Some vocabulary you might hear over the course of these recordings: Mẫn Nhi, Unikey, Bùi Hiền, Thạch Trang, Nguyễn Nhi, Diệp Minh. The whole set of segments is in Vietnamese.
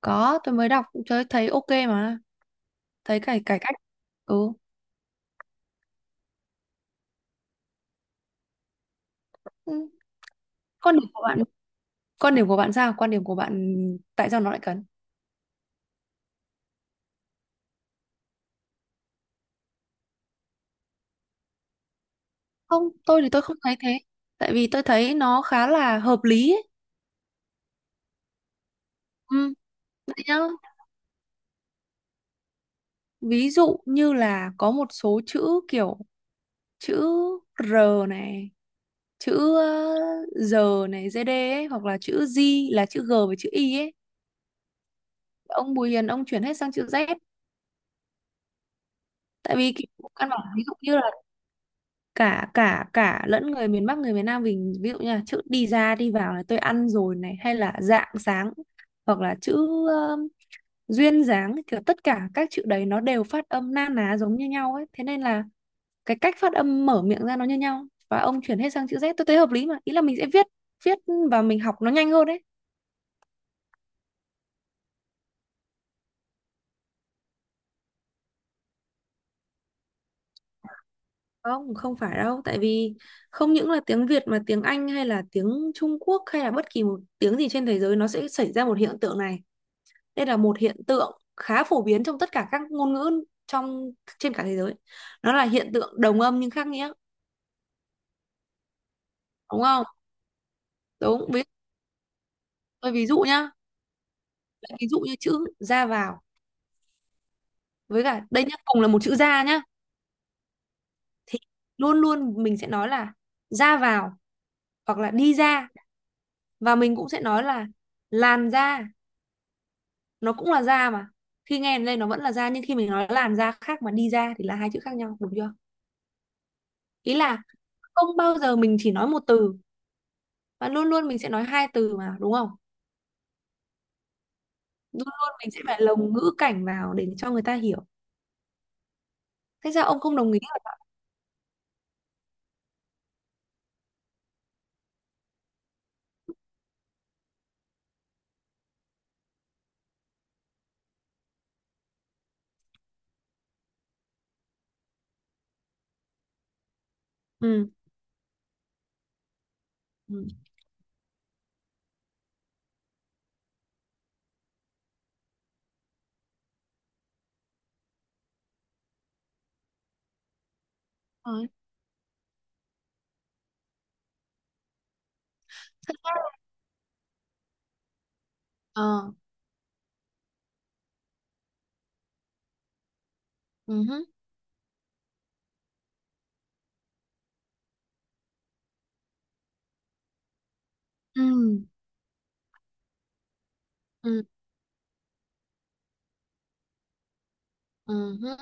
Có, tôi mới đọc tôi thấy ok mà, thấy cải cải cách. Ừ. Ừ. Quan điểm của bạn, quan điểm của bạn sao? Quan điểm của bạn tại sao nó lại cấn? Không, tôi thì tôi không thấy thế. Tại vì tôi thấy nó khá là hợp lý ấy. Ừ. Đấy nhá. Ví dụ như là có một số chữ kiểu chữ R này, chữ R này, ZD ấy, hoặc là chữ Z là chữ G với chữ Y ấy. Ông Bùi Hiền ông chuyển hết sang chữ Z. Tại vì kiểu căn bản, ví dụ như là cả cả cả lẫn người miền Bắc người miền Nam mình, ví dụ như là chữ đi ra đi vào là tôi ăn rồi này hay là rạng sáng, hoặc là chữ um, duyên dáng, kiểu tất cả các chữ đấy nó đều phát âm na ná giống như nhau ấy, thế nên là cái cách phát âm mở miệng ra nó như nhau, và ông chuyển hết sang chữ Z tôi thấy hợp lý mà. Ý là mình sẽ viết viết và mình học nó nhanh hơn đấy. Không, không phải đâu, tại vì không những là tiếng Việt mà tiếng Anh hay là tiếng Trung Quốc hay là bất kỳ một tiếng gì trên thế giới nó sẽ xảy ra một hiện tượng này. Đây là một hiện tượng khá phổ biến trong tất cả các ngôn ngữ trong trên cả thế giới. Nó là hiện tượng đồng âm nhưng khác nghĩa, đúng không? Đúng, tôi ví dụ nhá, ví dụ như chữ ra vào với cả đây nhá, cùng là một chữ ra nhá thì luôn luôn mình sẽ nói là ra vào hoặc là đi ra, và mình cũng sẽ nói là làn da, nó cũng là da mà. Khi nghe đến đây nó vẫn là da, nhưng khi mình nói làn da khác mà đi ra thì là hai chữ khác nhau, đúng chưa? Ý là không bao giờ mình chỉ nói một từ, và luôn luôn mình sẽ nói hai từ mà, đúng không? Luôn luôn mình sẽ phải lồng ngữ cảnh vào để cho người ta hiểu. Thế sao ông không đồng ý hả? Ừ. Ừ. Thôi. Thật ra là- ờ. Ừ hứ. Ừ. Ừ. Ừ hứ.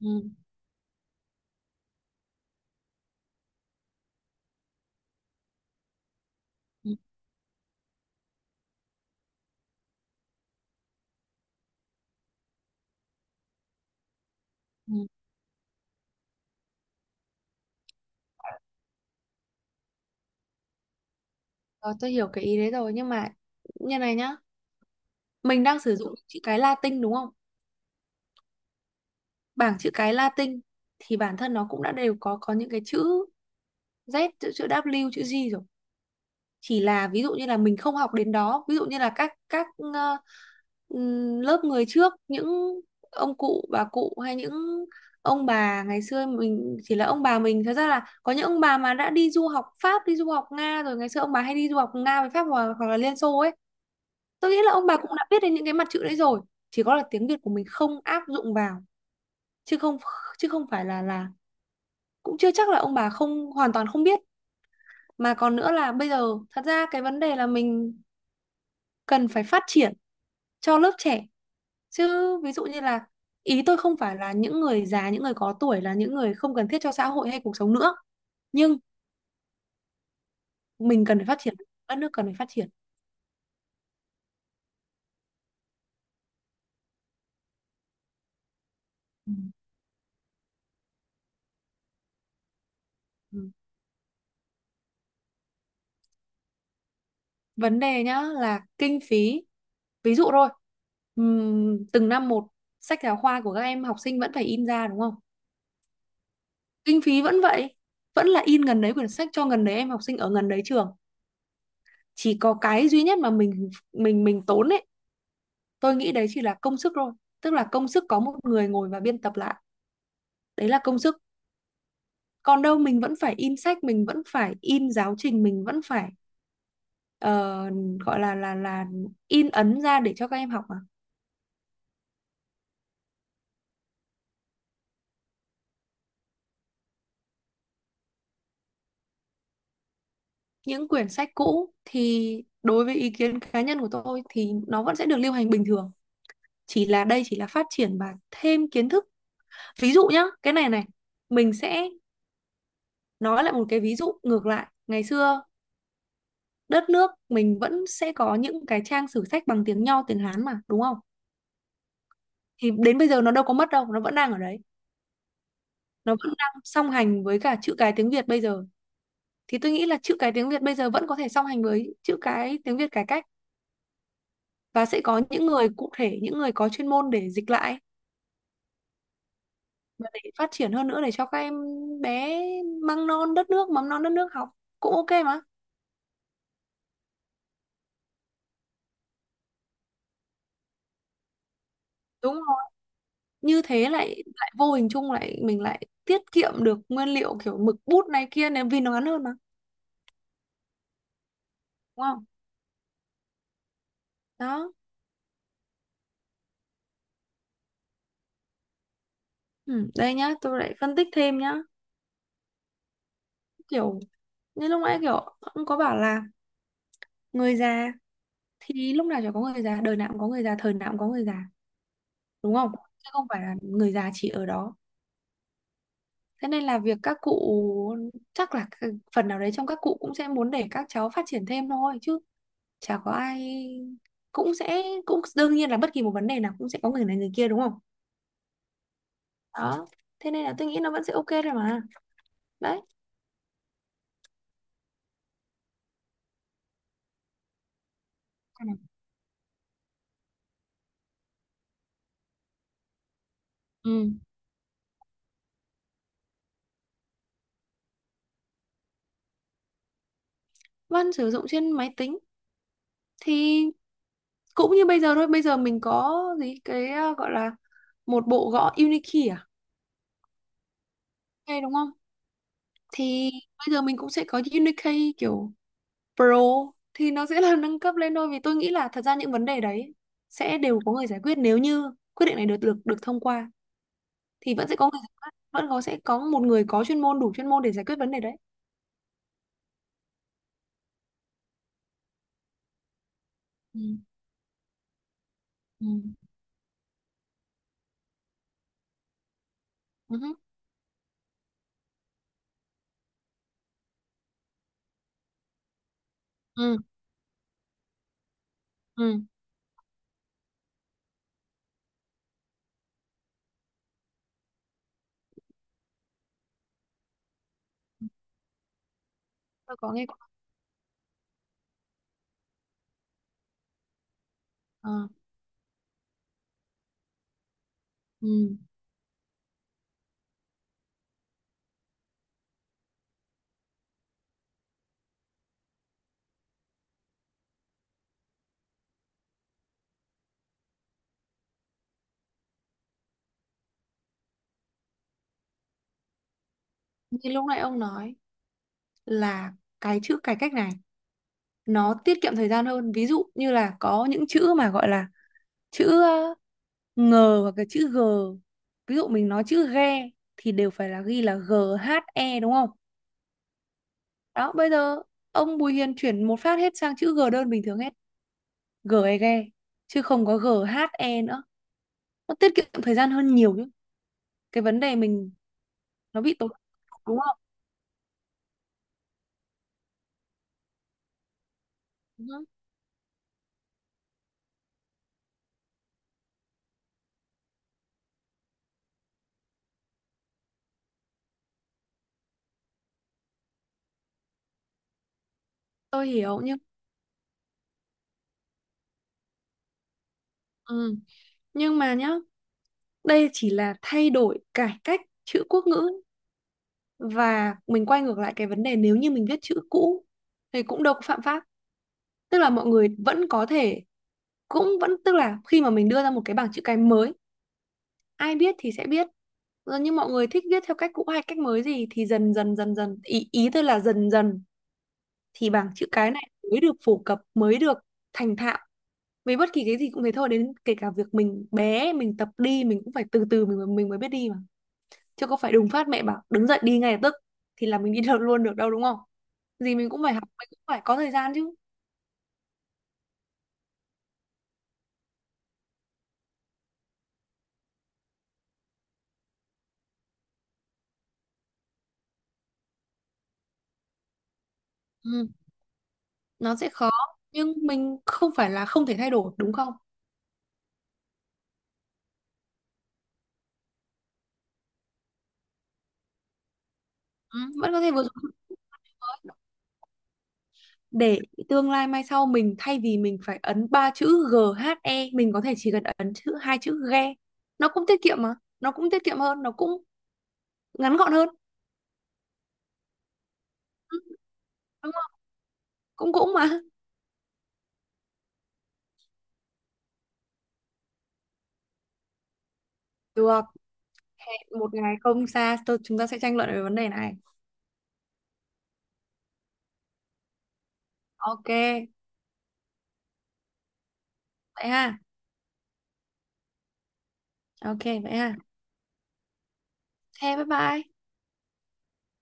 Ừ. Ừ. Ừ. Rồi, tôi hiểu cái ý đấy rồi, nhưng mà như này nhá, mình đang sử dụng chữ cái Latin đúng không, bảng chữ cái Latin thì bản thân nó cũng đã đều có những cái chữ Z chữ chữ W chữ G rồi, chỉ là ví dụ như là mình không học đến đó, ví dụ như là các ờ, lớp người trước, những ông cụ bà cụ hay những ông bà ngày xưa mình, chỉ là ông bà mình thật ra là có những ông bà mà đã đi du học Pháp đi du học Nga rồi, ngày xưa ông bà hay đi du học Nga với Pháp, hoặc là Liên Xô ấy, tôi nghĩ là ông bà cũng đã biết đến những cái mặt chữ đấy rồi, chỉ có là tiếng Việt của mình không áp dụng vào chứ không chứ không phải là cũng chưa chắc là ông bà không hoàn toàn không biết. Mà còn nữa là bây giờ thật ra cái vấn đề là mình cần phải phát triển cho lớp trẻ chứ, ví dụ như là ý tôi không phải là những người già những người có tuổi là những người không cần thiết cho xã hội hay cuộc sống nữa, nhưng mình cần phải phát triển, đất nước cần phải phát triển. Ừ. Ừ. Vấn đề nhá là kinh phí, ví dụ thôi, từng năm một sách giáo khoa của các em học sinh vẫn phải in ra đúng không, kinh phí vẫn vậy, vẫn là in gần đấy quyển sách cho gần đấy em học sinh ở gần đấy trường, chỉ có cái duy nhất mà mình tốn ấy, tôi nghĩ đấy chỉ là công sức thôi, tức là công sức có một người ngồi và biên tập lại, đấy là công sức, còn đâu mình vẫn phải in sách, mình vẫn phải in giáo trình, mình vẫn phải ờ, gọi là là in ấn ra để cho các em học mà. Những quyển sách cũ thì đối với ý kiến cá nhân của tôi thì nó vẫn sẽ được lưu hành bình thường, chỉ là đây chỉ là phát triển và thêm kiến thức. Ví dụ nhá, cái này này, mình sẽ nói lại một cái ví dụ ngược lại, ngày xưa đất nước mình vẫn sẽ có những cái trang sử sách bằng tiếng Nho, tiếng Hán mà, đúng không? Thì đến bây giờ nó đâu có mất đâu, nó vẫn đang ở đấy. Nó vẫn đang song hành với cả chữ cái tiếng Việt bây giờ. Thì tôi nghĩ là chữ cái tiếng Việt bây giờ vẫn có thể song hành với chữ cái tiếng Việt cải cách, và sẽ có những người cụ thể, những người có chuyên môn để dịch lại và để phát triển hơn nữa để cho các em bé măng non đất nước, mầm non đất nước học cũng ok mà. Đúng rồi. Như thế lại lại vô hình chung lại mình lại tiết kiệm được nguyên liệu kiểu mực bút này kia, nếu vì nó ngắn hơn mà. Đúng không? Đó. Ừ, đây nhá, tôi lại phân tích thêm nhá, kiểu như lúc nãy kiểu ông có bảo là người già, thì lúc nào chả có người già, đời nào cũng có người già, thời nào cũng có người già, đúng không, chứ không phải là người già chỉ ở đó. Thế nên là việc các cụ chắc là cái phần nào đấy trong các cụ cũng sẽ muốn để các cháu phát triển thêm thôi chứ, chả có ai, cũng sẽ cũng đương nhiên là bất kỳ một vấn đề nào cũng sẽ có người này người kia, đúng không? Đó, thế nên là tôi nghĩ nó vẫn sẽ ok thôi mà. Đấy. Ừ. Vân sử dụng trên máy tính thì cũng như bây giờ thôi, bây giờ mình có gì cái gọi là một bộ gõ Unikey à, hay đúng không, thì bây giờ mình cũng sẽ có Unikey kiểu Pro, thì nó sẽ là nâng cấp lên thôi, vì tôi nghĩ là thật ra những vấn đề đấy sẽ đều có người giải quyết. Nếu như quyết định này được được được thông qua thì vẫn sẽ có người giải quyết, vẫn có sẽ có một người có chuyên môn đủ chuyên môn để giải quyết vấn đề đấy. Ừ. Ừ. Ừ hứ. Ừ. Ừ. Tôi có nghe qua. Ờ. Ừ. Như lúc nãy ông nói là cái chữ cải cách này nó tiết kiệm thời gian hơn, ví dụ như là có những chữ mà gọi là chữ ngờ hoặc là chữ g, ví dụ mình nói chữ ghe thì đều phải là ghi là g h e đúng không. Đó, bây giờ ông Bùi Hiền chuyển một phát hết sang chữ g đơn bình thường hết, g e ghe chứ không có g h e nữa, nó tiết kiệm thời gian hơn nhiều chứ. Cái vấn đề mình nó bị tốn, đúng không? Ừ, tôi hiểu nhưng ừ. Nhưng mà nhá, đây chỉ là thay đổi cải cách chữ quốc ngữ, và mình quay ngược lại cái vấn đề, nếu như mình viết chữ cũ thì cũng đâu có phạm pháp, tức là mọi người vẫn có thể, cũng vẫn tức là khi mà mình đưa ra một cái bảng chữ cái mới, ai biết thì sẽ biết rồi, nhưng mọi người thích viết theo cách cũ hay cách mới gì thì dần dần dần dần ý ý tôi là dần dần thì bảng chữ cái này mới được phổ cập, mới được thành thạo. Với bất kỳ cái gì cũng thế thôi, đến kể cả việc mình bé mình tập đi mình cũng phải từ từ mình mới biết đi mà, chứ có phải đùng phát mẹ bảo đứng dậy đi ngay lập tức thì là mình đi được luôn được đâu, đúng không? Gì mình cũng phải học, mình cũng phải có thời gian chứ. Ừ, nó sẽ khó, nhưng mình không phải là không thể thay đổi, đúng không? Ừ, vẫn có thể vừa dùng mới để tương lai mai sau, mình thay vì mình phải ấn ba chữ g h e, mình có thể chỉ cần ấn chữ hai chữ GE, nó cũng tiết kiệm mà, nó cũng tiết kiệm hơn, nó cũng ngắn gọn hơn. Ừ, đúng không? Cũng cũng mà, được. Hẹn một ngày không xa chúng ta sẽ tranh luận về vấn đề này. Ok, vậy ha. Ok vậy ha. Thế bye bye.